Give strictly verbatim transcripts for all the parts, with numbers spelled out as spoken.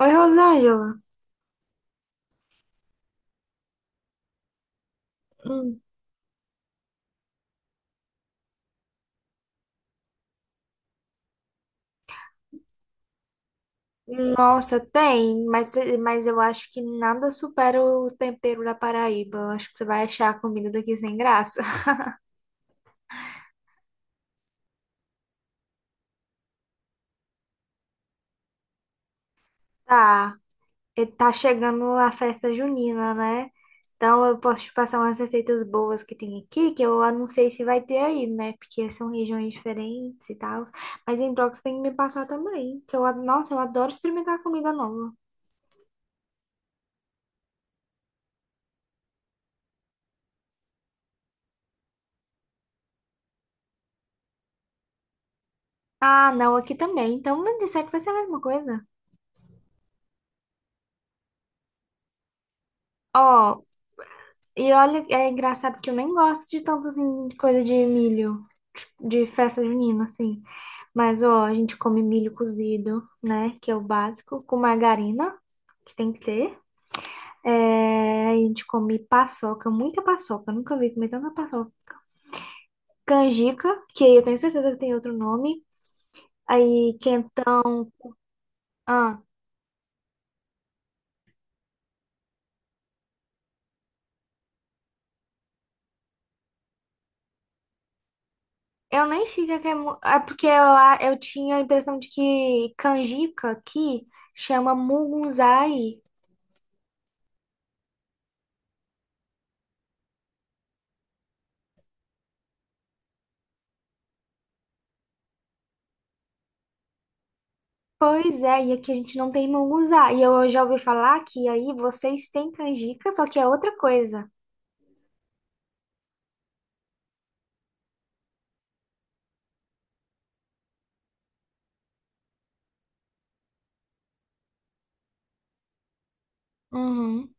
Oi, Rosângela. Hum. Nossa, tem, mas, mas eu acho que nada supera o tempero da Paraíba. Eu acho que você vai achar a comida daqui sem graça. Tá, e tá chegando a festa junina, né? Então eu posso te passar umas receitas boas que tem aqui, que eu não sei se vai ter aí, né? Porque são regiões diferentes e tal. Mas em troca você tem que me passar também, que eu, ad- nossa, eu adoro experimentar comida nova. Ah, não, aqui também. Então, não disser que vai ser a mesma coisa. Ó, e olha, é engraçado que eu nem gosto de tanto assim, de coisa de milho, de festa junina, assim. Mas, ó, a gente come milho cozido, né? Que é o básico, com margarina, que tem que ter. É, a gente come paçoca, muita paçoca, eu nunca vi comer tanta paçoca. Canjica, que eu tenho certeza que tem outro nome. Aí, quentão. Ah, eu nem sei o que é. que é mu- É porque eu, a- eu tinha a impressão de que canjica aqui chama mugunzai. Pois é, e aqui a gente não tem munguzá. E eu já ouvi falar que aí vocês têm canjica, só que é outra coisa. Uhum.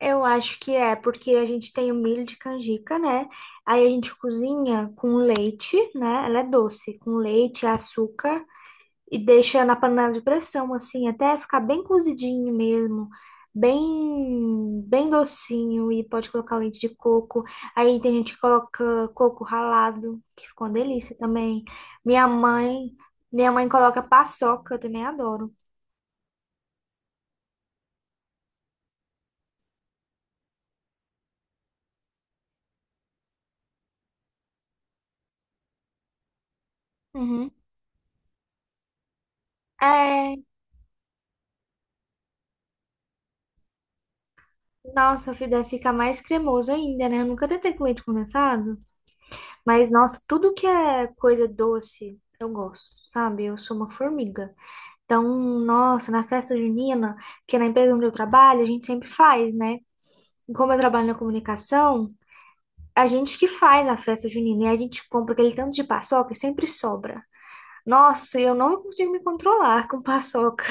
Eu acho que é, porque a gente tem o milho de canjica, né? Aí a gente cozinha com leite, né? Ela é doce, com leite, açúcar, e deixa na panela de pressão, assim, até ficar bem cozidinho mesmo, bem, bem docinho, e pode colocar leite de coco. Aí tem gente que coloca coco ralado, que ficou uma delícia também. Minha mãe, minha mãe coloca paçoca, eu também adoro. Uhum. É, nossa, fi- deve ficar mais cremoso ainda, né? Eu nunca tentei com leite condensado, mas nossa, tudo que é coisa doce, eu gosto, sabe? Eu sou uma formiga. Então, nossa, na festa junina, que é na empresa onde eu trabalho, a gente sempre faz, né? E como eu trabalho na comunicação, a gente que faz a festa junina e a gente compra aquele tanto de paçoca e sempre sobra. Nossa, eu não consigo me controlar com paçoca.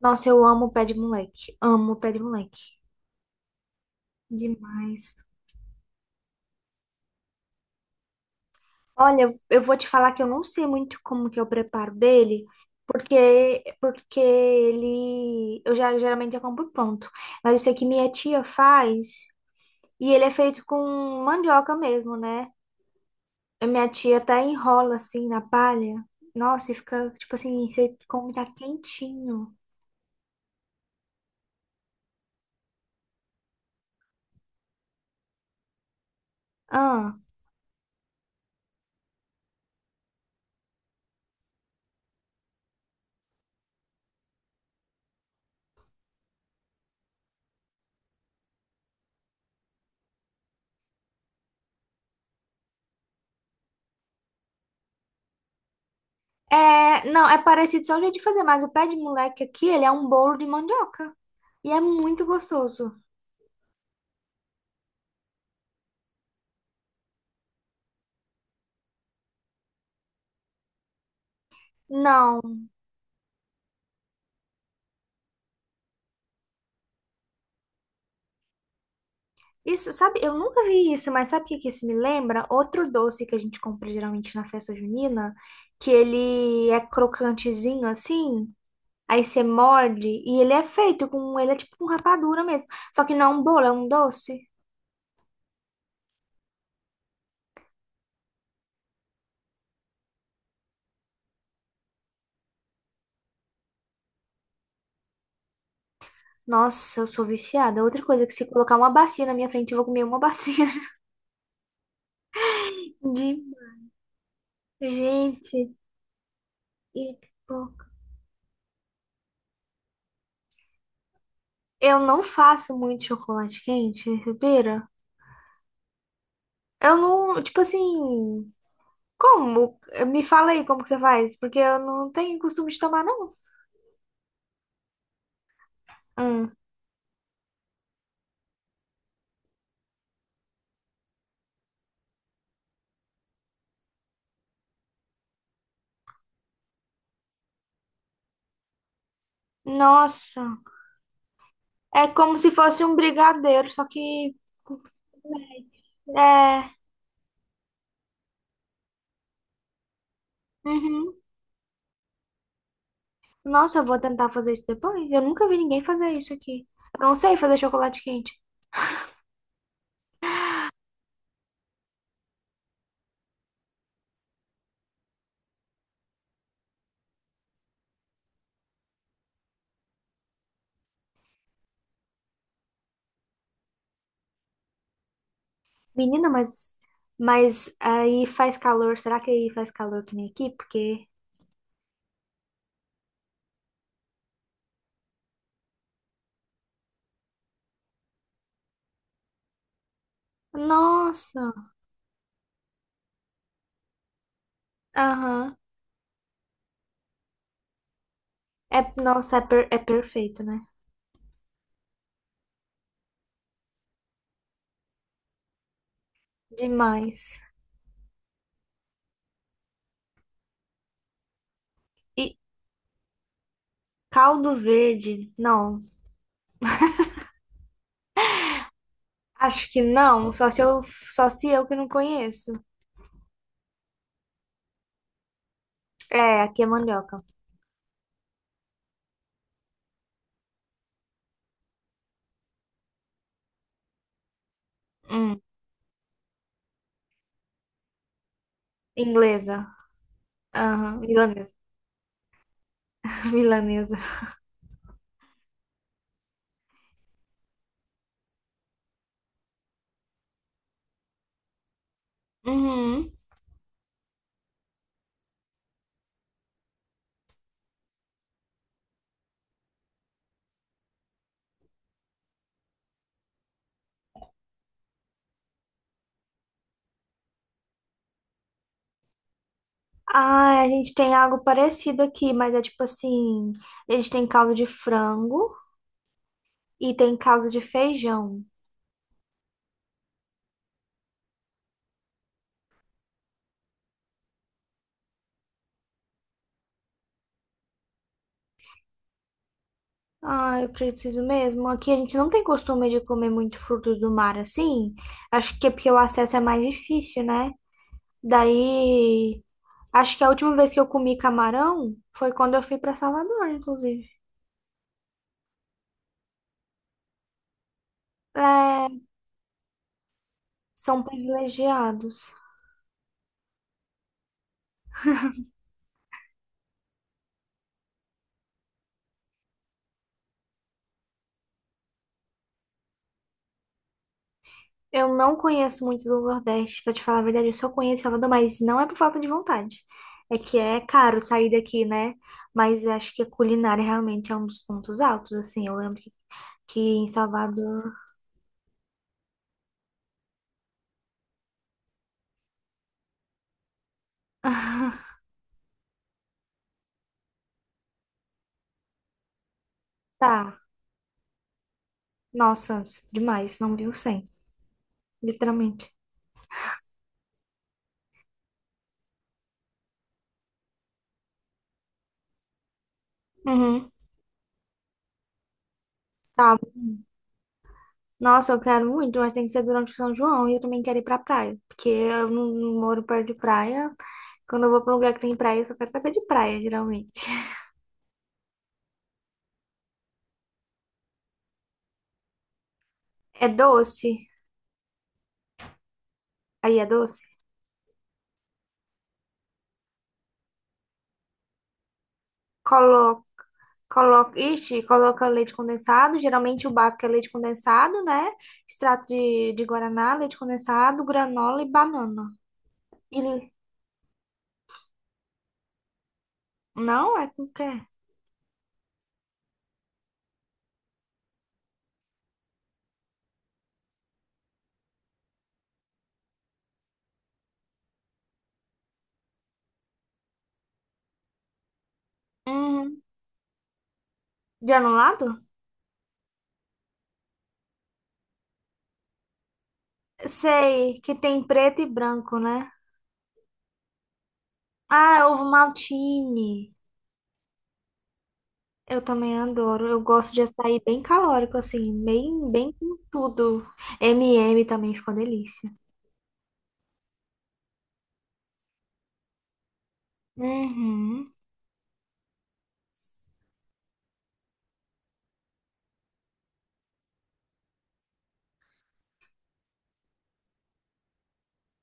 Nossa, eu amo pé de moleque. Amo pé de moleque. Demais. Olha, eu eu vou te falar que eu não sei muito como que eu preparo dele, porque porque ele eu já geralmente já compro pronto. Mas eu sei que minha tia faz. E ele é feito com mandioca mesmo, né? A minha tia até enrola assim na palha. Nossa, e fica tipo assim, você come tá quentinho. Ah. É, não, é parecido só o jeito de fazer, mas o pé de moleque aqui, ele é um bolo de mandioca. E é muito gostoso. Não, isso, sabe, eu nunca vi isso, mas sabe o que que isso me lembra? Outro doce que a gente compra geralmente na festa junina, que ele é crocantezinho assim. Aí você morde e ele é feito com. Ele é tipo um rapadura mesmo. Só que não é um bolo, é um doce. Nossa, eu sou viciada. Outra coisa, que se colocar uma bacia na minha frente, eu vou comer uma bacia de. Gente, e tipo. Eu não faço muito chocolate quente, respira? Eu não. Tipo assim. Como? Me fala aí como que você faz, porque eu não tenho costume de tomar, não. Hum. Nossa. É como se fosse um brigadeiro, só que. É. Uhum. Nossa, eu vou tentar fazer isso depois. Eu nunca vi ninguém fazer isso aqui. Eu não sei fazer chocolate quente. Menina, mas, mas aí faz calor. Será que aí faz calor que nem aqui? Porque. Nossa! Aham. É, nossa, é, per- é perfeito, né? Demais. E caldo verde? Não. Acho que não. Só se eu, só se eu que não conheço. É, aqui é mandioca. Hum, inglesa. Aham, milanesa. Milanesa. Uhum. Ah, a gente tem algo parecido aqui, mas é tipo assim, eles têm caldo de frango e tem caldo de feijão. Ah, eu preciso mesmo. Aqui a gente não tem costume de comer muito frutos do mar assim. Acho que é porque o acesso é mais difícil, né? Daí, acho que a última vez que eu comi camarão foi quando eu fui para Salvador, inclusive. É, são privilegiados. Eu não conheço muito do Nordeste, pra te falar a verdade, eu só conheço Salvador, mas não é por falta de vontade. É que é caro sair daqui, né? Mas acho que a culinária realmente é um dos pontos altos, assim. Eu lembro que que em Salvador. Tá, nossa, demais, não viu sem, literalmente. Uhum. Tá, nossa, eu quero muito, mas tem que ser durante o São João e eu também quero ir pra praia, porque eu não, não moro perto de praia. Quando eu vou pra um lugar que tem praia, eu só quero saber de praia, geralmente. É doce? Aí é doce? Coloca, coloca, ixi, coloca leite condensado. Geralmente o básico é leite condensado, né? Extrato de, de guaraná, leite condensado, granola e banana. E, não, é com que? Hum, granulado? Sei, que tem preto e branco, né? Ah, é ovo maltine. Eu também adoro. Eu gosto de açaí bem calórico, assim, bem, bem com tudo. M e M também ficou delícia. Uhum.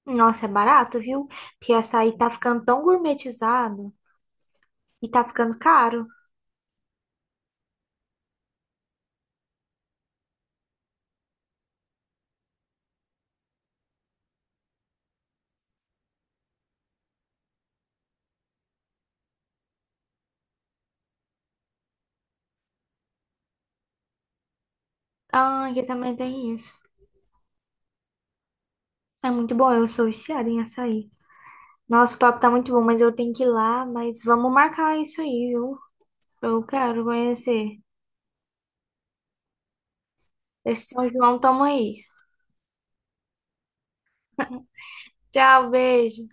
Nossa, é barato, viu? Porque açaí tá ficando tão gourmetizado e tá ficando caro. Ah, aqui também tem isso. É muito bom, eu sou viciada em açaí. Nossa, o papo tá muito bom, mas eu tenho que ir lá. Mas vamos marcar isso aí, viu? Eu quero conhecer. Esse São João, tamo aí. Tchau, beijo.